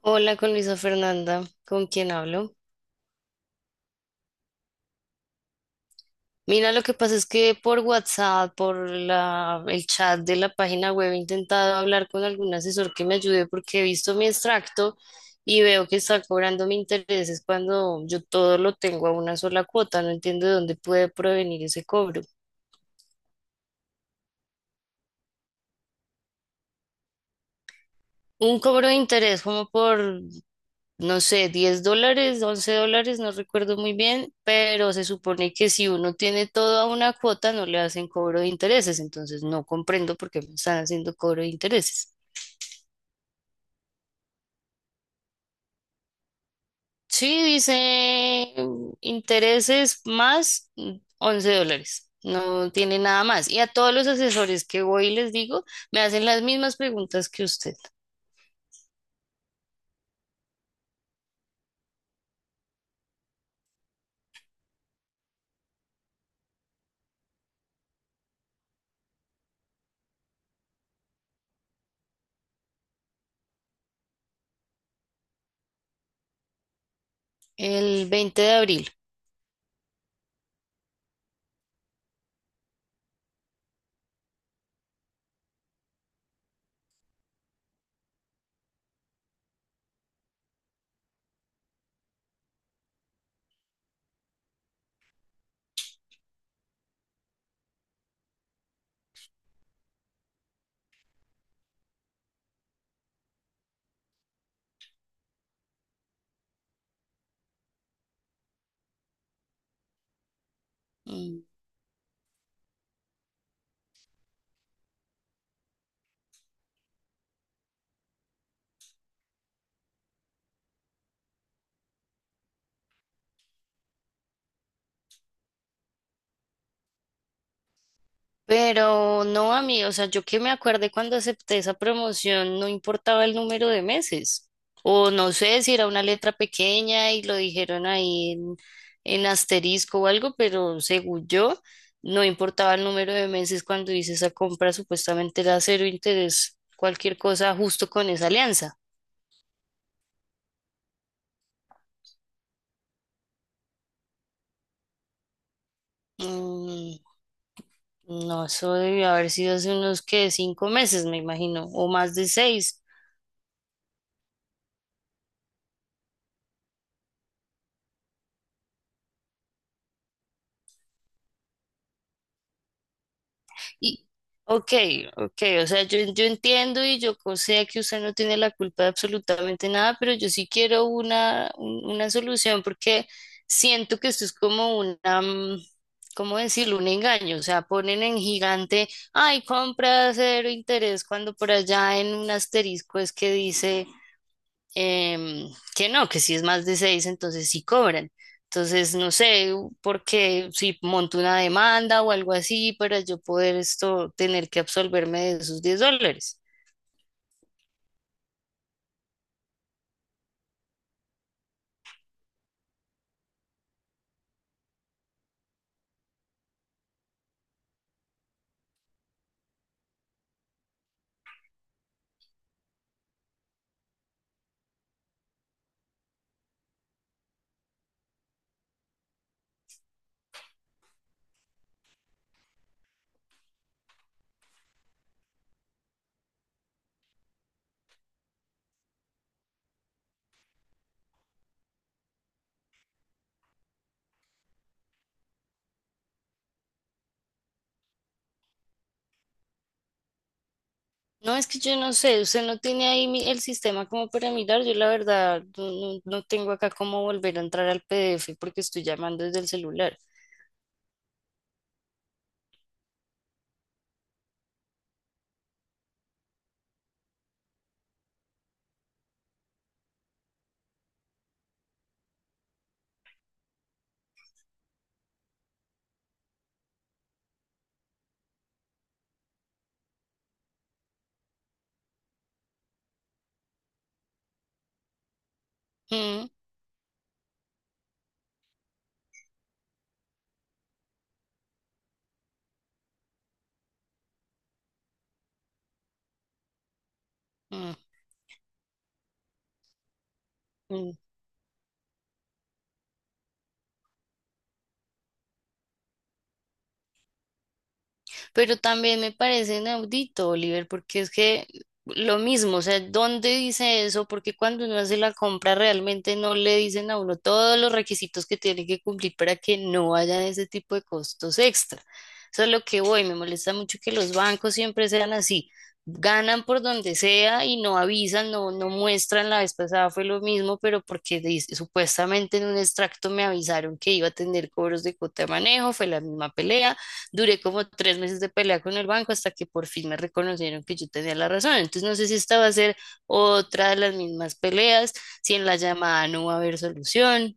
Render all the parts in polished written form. Hola con Luisa Fernanda, ¿con quién hablo? Mira, lo que pasa es que por WhatsApp, por la, el chat de la página web, he intentado hablar con algún asesor que me ayude porque he visto mi extracto y veo que está cobrando mi intereses cuando yo todo lo tengo a una sola cuota. No entiendo de dónde puede provenir ese cobro. Un cobro de interés como por no sé, $10, $11, no recuerdo muy bien, pero se supone que si uno tiene toda una cuota no le hacen cobro de intereses, entonces no comprendo por qué me están haciendo cobro de intereses. Sí, dice intereses más $11, no tiene nada más. Y a todos los asesores que voy y les digo, me hacen las mismas preguntas que usted. El 20 de abril. Mm. Pero no a mí, o sea, yo que me acuerde cuando acepté esa promoción, no importaba el número de meses. O no sé si era una letra pequeña y lo dijeron ahí en asterisco o algo, pero según yo, no importaba el número de meses cuando hice esa compra, supuestamente era cero interés, cualquier cosa justo con esa alianza. Mm, no, eso debió haber sido hace unos que 5 meses, me imagino, o más de seis. Y, ok, ok, o sea, yo entiendo y yo co- sé que usted no tiene la culpa de absolutamente nada, pero yo sí quiero una, un- una solución porque siento que esto es como una, ¿cómo decirlo? Un engaño, o sea, ponen en gigante, ay, compra a cero interés, cuando por allá en un asterisco es que dice em, que no, que si es más de seis, entonces sí cobran. Entonces, no sé por qué, si monto una demanda o algo así para yo poder esto, tener que absolverme de esos $10. No, es que yo no sé, usted no tiene ahí mi- el sistema como para mirar, yo la verdad no, no- no tengo acá cómo volver a entrar al PDF porque estoy llamando desde el celular. Mm, mm. mm. Pero también me parece inaudito, Oliver, porque es que lo mismo, o sea, ¿dónde dice eso? Porque cuando uno hace la compra realmente no le dicen a uno todos los requisitos que tiene que cumplir para que no haya ese tipo de costos extra. Eso es lo que voy, me molesta mucho que los bancos siempre sean así. Ganan por donde sea y no avisan, no muestran. La vez pasada fue lo mismo, pero porque dice- supuestamente en un extracto me avisaron que iba a tener cobros de cuota de manejo, fue la misma pelea. Duré como 3 meses de pelea con el banco hasta que por fin me reconocieron que yo tenía la razón. Entonces no sé si esta va a ser otra de las mismas peleas, si en la llamada no va a haber solución.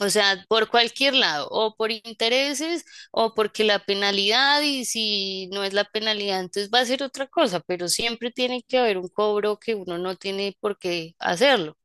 O sea, por cualquier lado, o por intereses, o porque la penalidad, y si no es la penalidad, entonces va a ser otra cosa, pero siempre tiene que haber un cobro que uno no tiene por qué hacerlo.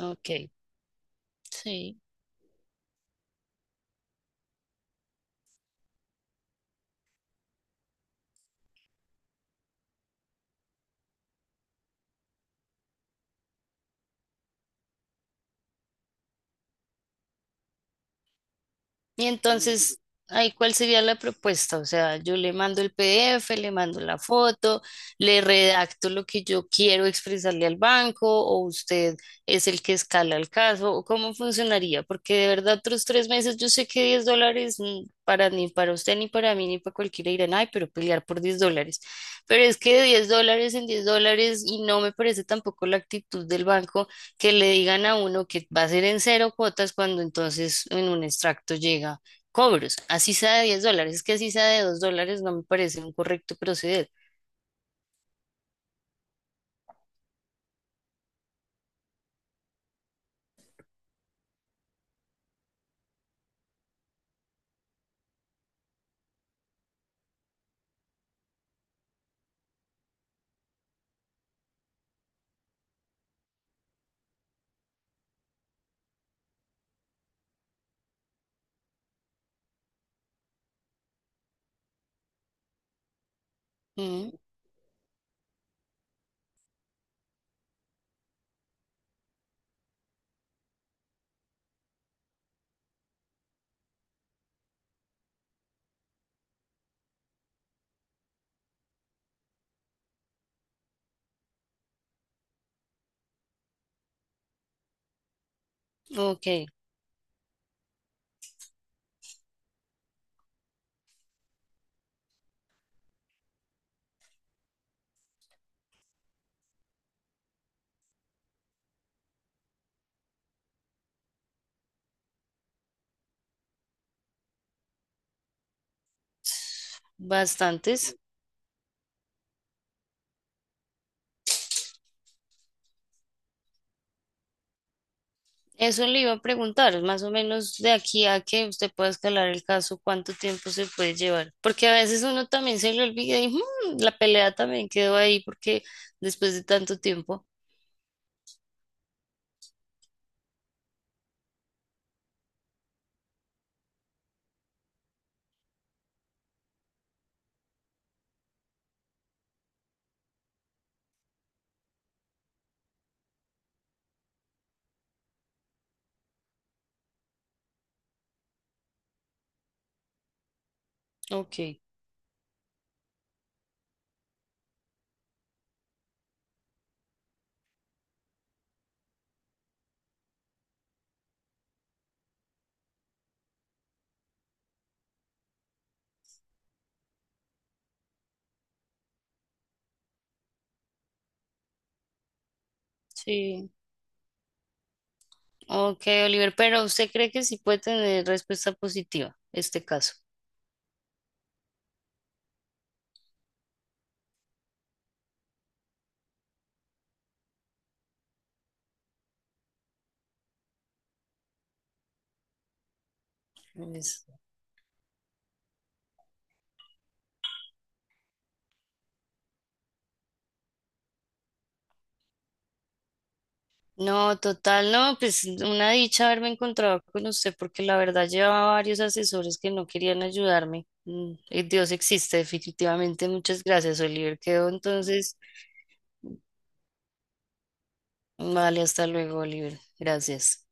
Ok, sí. Y entonces, ahí cuál sería la propuesta. O sea, yo le mando el PDF, le mando la foto, le redacto lo que yo quiero expresarle al banco, o usted es el que escala el caso, o cómo funcionaría, porque de verdad otros 3 meses, yo sé que $10, para ni para usted, ni para mí, ni para cualquiera, dirán, ay, pero pelear por $10. Pero es que de $10 en $10, y no me parece tampoco la actitud del banco que le digan a uno que va a ser en cero cuotas cuando entonces en un extracto llega cobros, así sea de $10, es que así sea de $2 no me parece un correcto proceder. Mm, ok, bastantes. Eso le iba a preguntar, más o menos de aquí a que usted pueda escalar el caso, cuánto tiempo se puede llevar, porque a veces uno también se le olvida y "Mm, la pelea también quedó ahí porque después de tanto tiempo". Ok, sí. Ok, Oliver, pero ¿usted cree que sí puede tener respuesta positiva este caso? Es- No, total, no, pues una dicha haberme encontrado con usted porque la verdad llevaba varios asesores que no querían ayudarme. Mm, y Dios existe, definitivamente. Muchas gracias, Oliver. Quedó entonces. Vale, hasta luego, Oliver. Gracias.